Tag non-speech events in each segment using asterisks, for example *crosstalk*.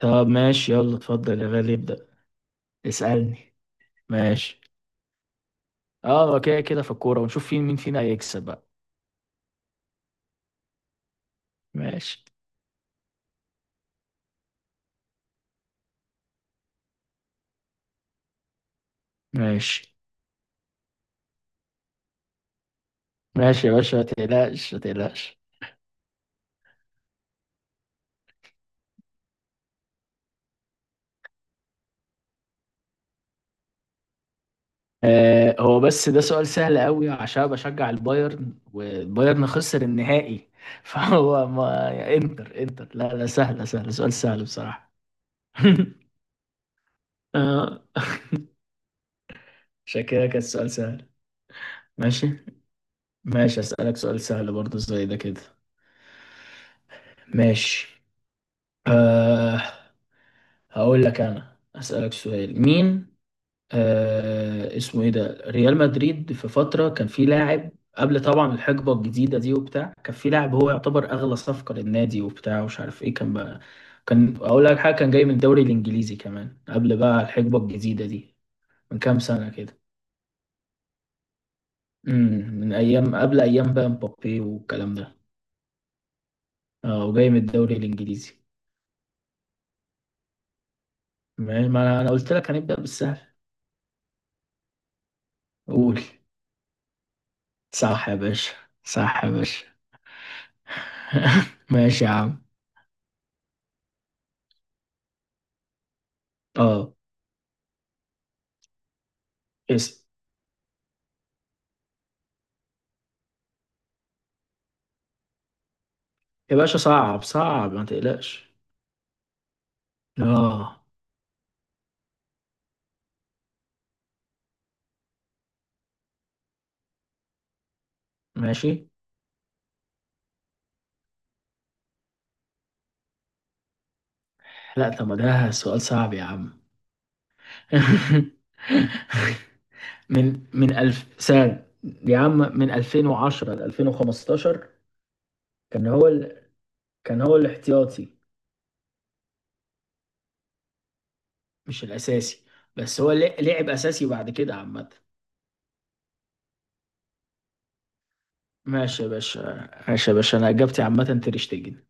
طب ماشي، يلا اتفضل يا غالي ابدأ. اسألني. ماشي. اه كده كده في الكورة ونشوف فين مين فينا هيكسب بقى. ماشي. ماشي. ماشي يا باشا ما تقلقش ما تقلقش. آه هو بس ده سؤال سهل قوي عشان بشجع البايرن والبايرن خسر النهائي *laughs* فهو ما انتر لا لا سهلة سهلة، سؤال سهل بصراحة. *laughs* اه عشان كده كان السؤال سهل. ماشي. ماشي أسألك سؤال سهل برضه زي ده كده. ماشي. آه هقول لك، انا اسالك سؤال مين. آه اسمه ايه ده، ريال مدريد في فتره كان في لاعب قبل طبعا الحقبه الجديده دي وبتاع، كان في لاعب هو يعتبر اغلى صفقه للنادي وبتاع ومش عارف ايه كان بقى. كان اقول لك حاجه، كان جاي من الدوري الانجليزي كمان قبل بقى الحقبه الجديده دي. من كام سنه كده. من ايام قبل ايام بقى مبابي والكلام ده. اه وجاي من الدوري الانجليزي. ما انا قلت لك هنبدا بالسهل. قول. صح يا باشا. صح يا باشا. *laughs* ماشي يا عم. اه اسم. يا باشا صعب صعب ما تقلقش. اه. ماشي. لا طب ما ده سؤال صعب يا عم. *laughs* من ألف سنة يا عم من 2010 ل 2015. كان هو ال... كان هو الاحتياطي مش الأساسي. بس هو لعب أساسي بعد كده عامة. ماشي يا باشا، ماشي يا باشا، أنا إجابتي عامة تير شتيجن.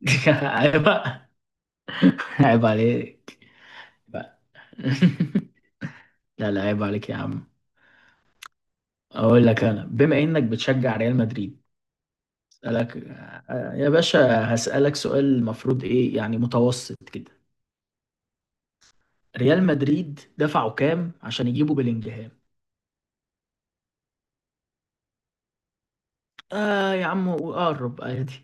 *laughs* عيب بقى. عيب عليك بقى. *laughs* لا لا عيب عليك يا عم. اقول لك، انا بما انك بتشجع ريال مدريد اسالك، آه، يا باشا هسالك سؤال المفروض ايه يعني متوسط كده. ريال مدريد دفعوا كام عشان يجيبوا بلينجهام؟ اه يا عم وقرب عادي.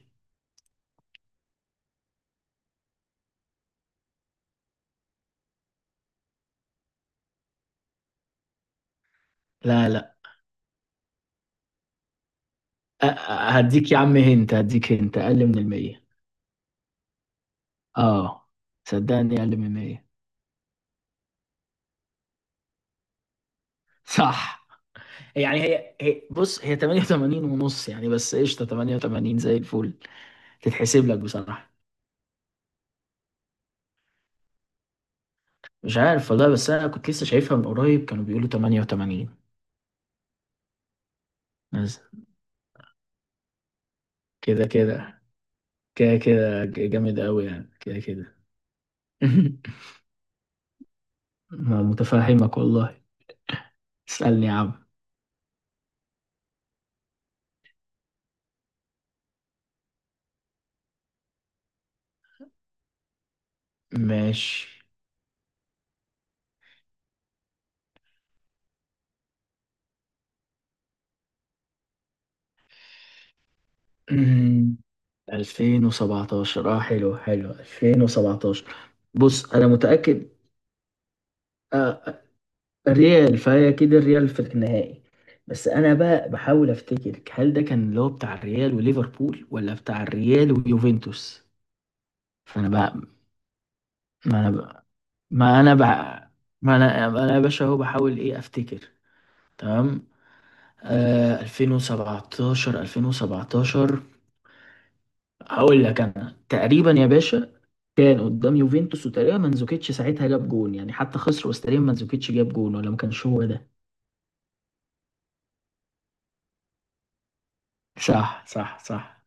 لا لا، آه، آه، هديك يا عم هنت، هديك هنت اقل من المية. اه. صدقني اقل من المية. *laughs* صح. يعني هي هي بص هي 88 ونص يعني، بس قشطة 88 زي الفل، تتحسب لك بصراحة. مش عارف والله، بس انا كنت لسه شايفها من قريب كانوا بيقولوا 88 بس. كده كده. كده كده جامد قوي يعني، كده كده. *laughs* ما متفهمك والله. اسألني يا عم. ماشي. *clears throat* 2017. اه حلو حلو 2017. بص انا متأكد. آه ريال، فهي كده الريال في النهائي. بس انا بقى بحاول افتكر هل ده كان اللي هو بتاع الريال وليفربول ولا بتاع الريال ويوفنتوس. فانا بقى ما انا ما انا بح... ما انا ما انا يا باشا اهو بحاول ايه افتكر. تمام. آه 2017، 2017، هقول لك انا تقريبا يا باشا. كان قدام يوفنتوس، وتقريبا منزوكيتش ساعتها جاب جون يعني، حتى خسر، بس تقريبا منزوكيتش جاب جون ولا ما كانش هو ده. صح صح صح.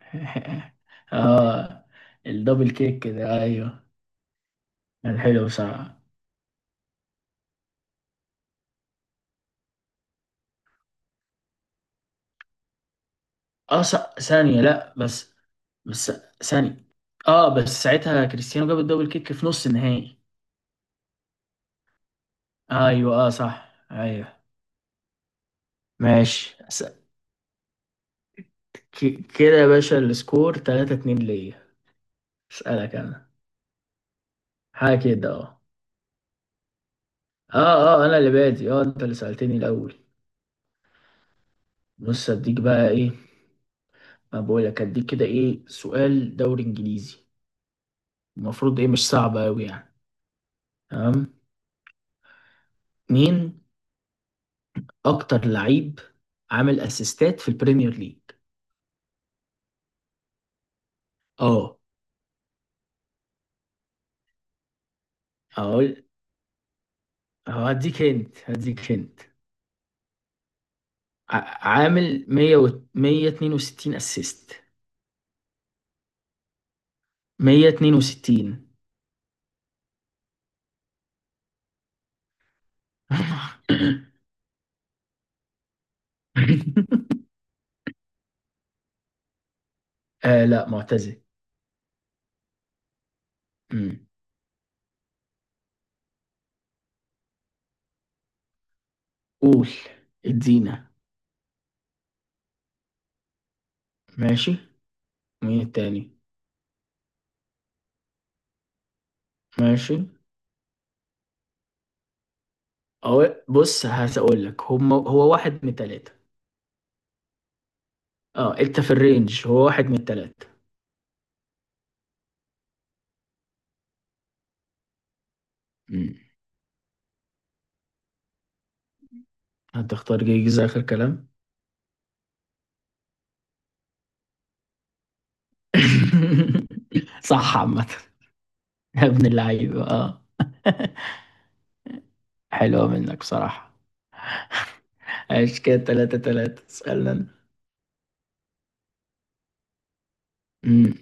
*laughs* اه الدبل كيك كده، ايوه. كان حلو صح. اه صح ثانية لا بس، بس ثانية. اه بس ساعتها كريستيانو جاب الدبل كيك في نص النهائي. ايوه اه صح ايوه. ماشي. كده يا باشا السكور 3 2 ليا. اسالك انا حاجه كده اه. اه. اه انا اللي بادي، اه انت اللي سالتني الاول. بص اديك بقى ايه. ما بقول لك اديك كده، ايه سؤال دوري انجليزي. المفروض ايه، مش صعب قوي يعني. تمام. مين اكتر لعيب عامل اسيستات في البريمير ليج؟ اه اقول هديك هنت عامل 100 و 162 اسيست. 162. *laughs* آه لا معتزل. أمم. قول. ادينا. ماشي. مين التاني؟ ماشي. أو بص، هقول لك هم هو واحد من التلاتة. اه انت في الرينج، هو واحد من التلاتة. أمم. هتختار جيجز اخر كلام؟ *laughs* صح عامة. يا ابن اللعيب اه. *laughs* حلوة منك بصراحة. عايش كده تلاتة تلاتة. اسألنا أنا. أمم.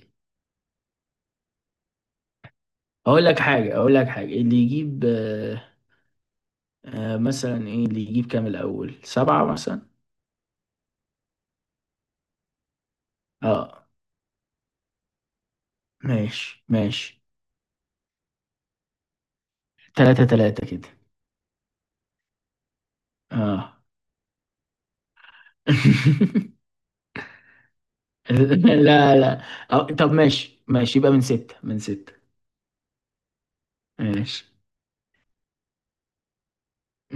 اقول لك حاجه، اقول لك حاجه، اللي يجيب آه، آه مثلا ايه اللي يجيب كام الاول، سبعة مثلا. اه. ماشي ماشي. تلاتة تلاتة كده. اه. *laughs* لا لا. أو طب ماشي ماشي، يبقى من ستة، من ستة. ماشي.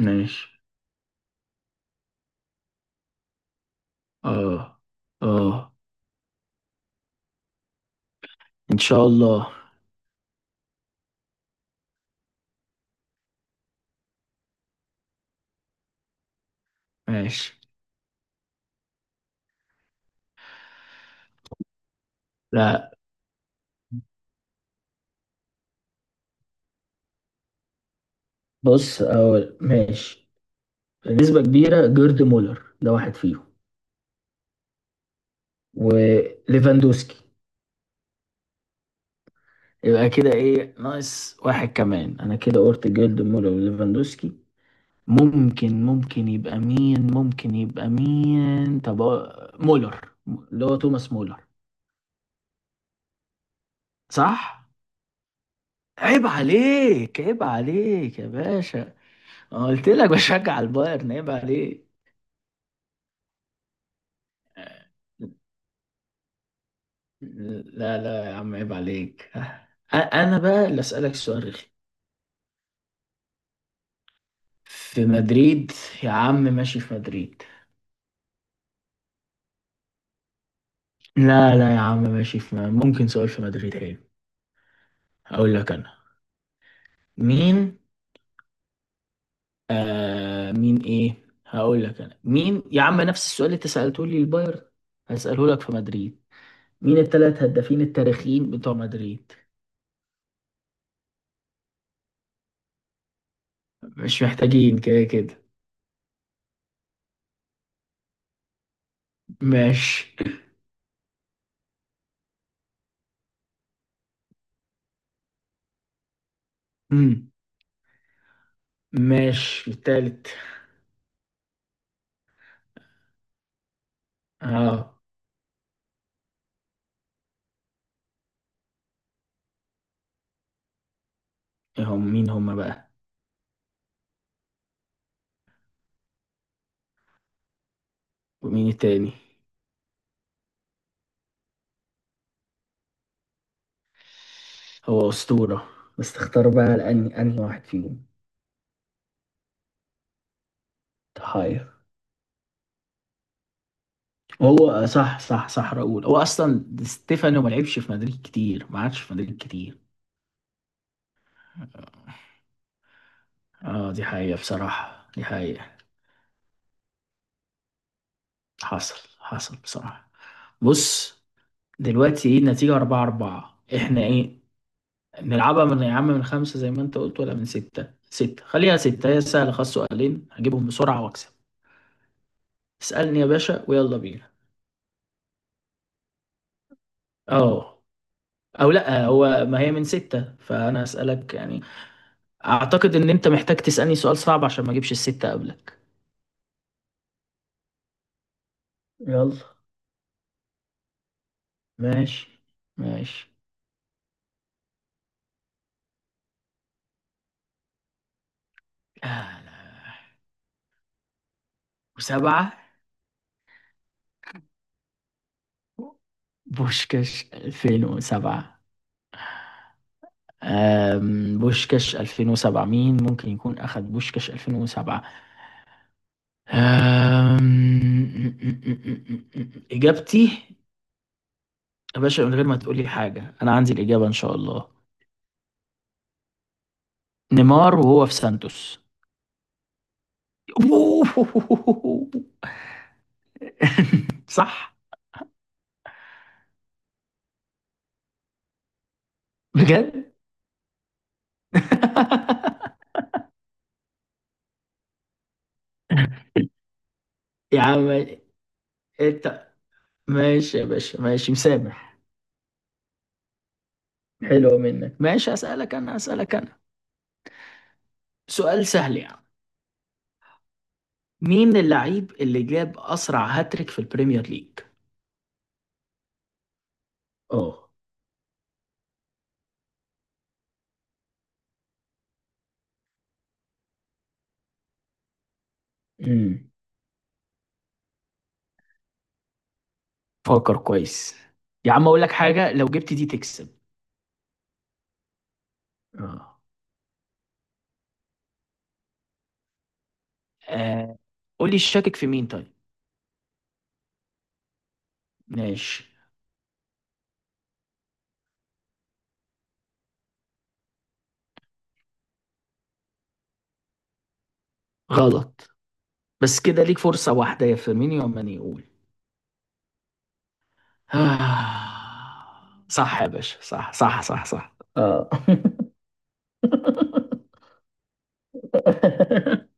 ماشي. اه. اه. ان شاء الله. ماشي. لا بص، اول ماشي، نسبة كبيرة جيرد مولر ده واحد فيهم. وليفاندوسكي. يبقى كده ايه ناقص واحد كمان، انا كده قلت جولد مولر وليفاندوسكي. ممكن يبقى مين، ممكن يبقى مين؟ طب مولر اللي هو توماس مولر. صح. عيب عليك، عيب عليك يا باشا. أنا قلت لك بشجع البايرن، عيب عليك. لا لا يا عم عيب عليك، انا بقى اللي اسالك سؤال رخي. في مدريد. يا عم ماشي في مدريد. لا لا يا عم ماشي ممكن سؤال في مدريد حلو. هقول لك انا مين، آه مين ايه، هقول لك انا مين يا عم، نفس السؤال اللي انت سألته لي البايرن هسأله لك في مدريد. مين الثلاث هدافين التاريخيين بتوع مدريد؟ مش محتاجين كده كده. ماشي. مم. ماشي التالت. اه. إيه هم، مين هم بقى؟ ومين التاني؟ هو أسطورة. بس تختار بقى لأني أنهي واحد فيهم. تحاير. هو آه، صح صح صح، راؤول هو أصلا، ستيفانو ما لعبش في مدريد كتير، ما عادش في مدريد كتير. اه دي حقيقة بصراحة، دي حقيقة. حصل حصل بصراحة. بص دلوقتي ايه النتيجة؟ أربعة أربعة احنا ايه. نلعبها من، يا عم من خمسة زي ما انت قلت ولا من ستة؟ ستة خليها ستة، هي سهلة خلاص، سؤالين هجيبهم بسرعة وأكسب. اسألني يا باشا ويلا بينا. اه. أو لأ هو ما هي من ستة، فأنا هسألك يعني أعتقد إن أنت محتاج تسألني سؤال صعب عشان ما أجيبش الستة قبلك. يلا. ماشي. ماشي. آه، لا. وسبعة. بوشكاش 2007. بوشكاش 2007، مين ممكن يكون أخذ بوشكاش 2007؟ أم، إجابتي، يا باشا، من غير ما تقول لي حاجة أنا عندي الإجابة إن شاء الله. نيمار وهو في سانتوس. *laughs* صح. بجد. *laughs* يا عم انت. ماشي يا باشا ماشي، مسامح. حلو منك. ماشي أسألك أنا، أسألك أنا، سؤال سهل يعني. مين اللعيب اللي جاب أسرع هاتريك في البريمير ليج؟ اه. امم فكر كويس. يا عم أقول لك حاجة، لو جبت دي تكسب. اه. آه. قول لي الشاكك في مين طيب؟ ماشي. غلط. بس كده ليك فرصة واحدة، يا فيرمينيو يا ماني، يقول. آه. صح يا باشا صح صح صح صح اه. *laughs*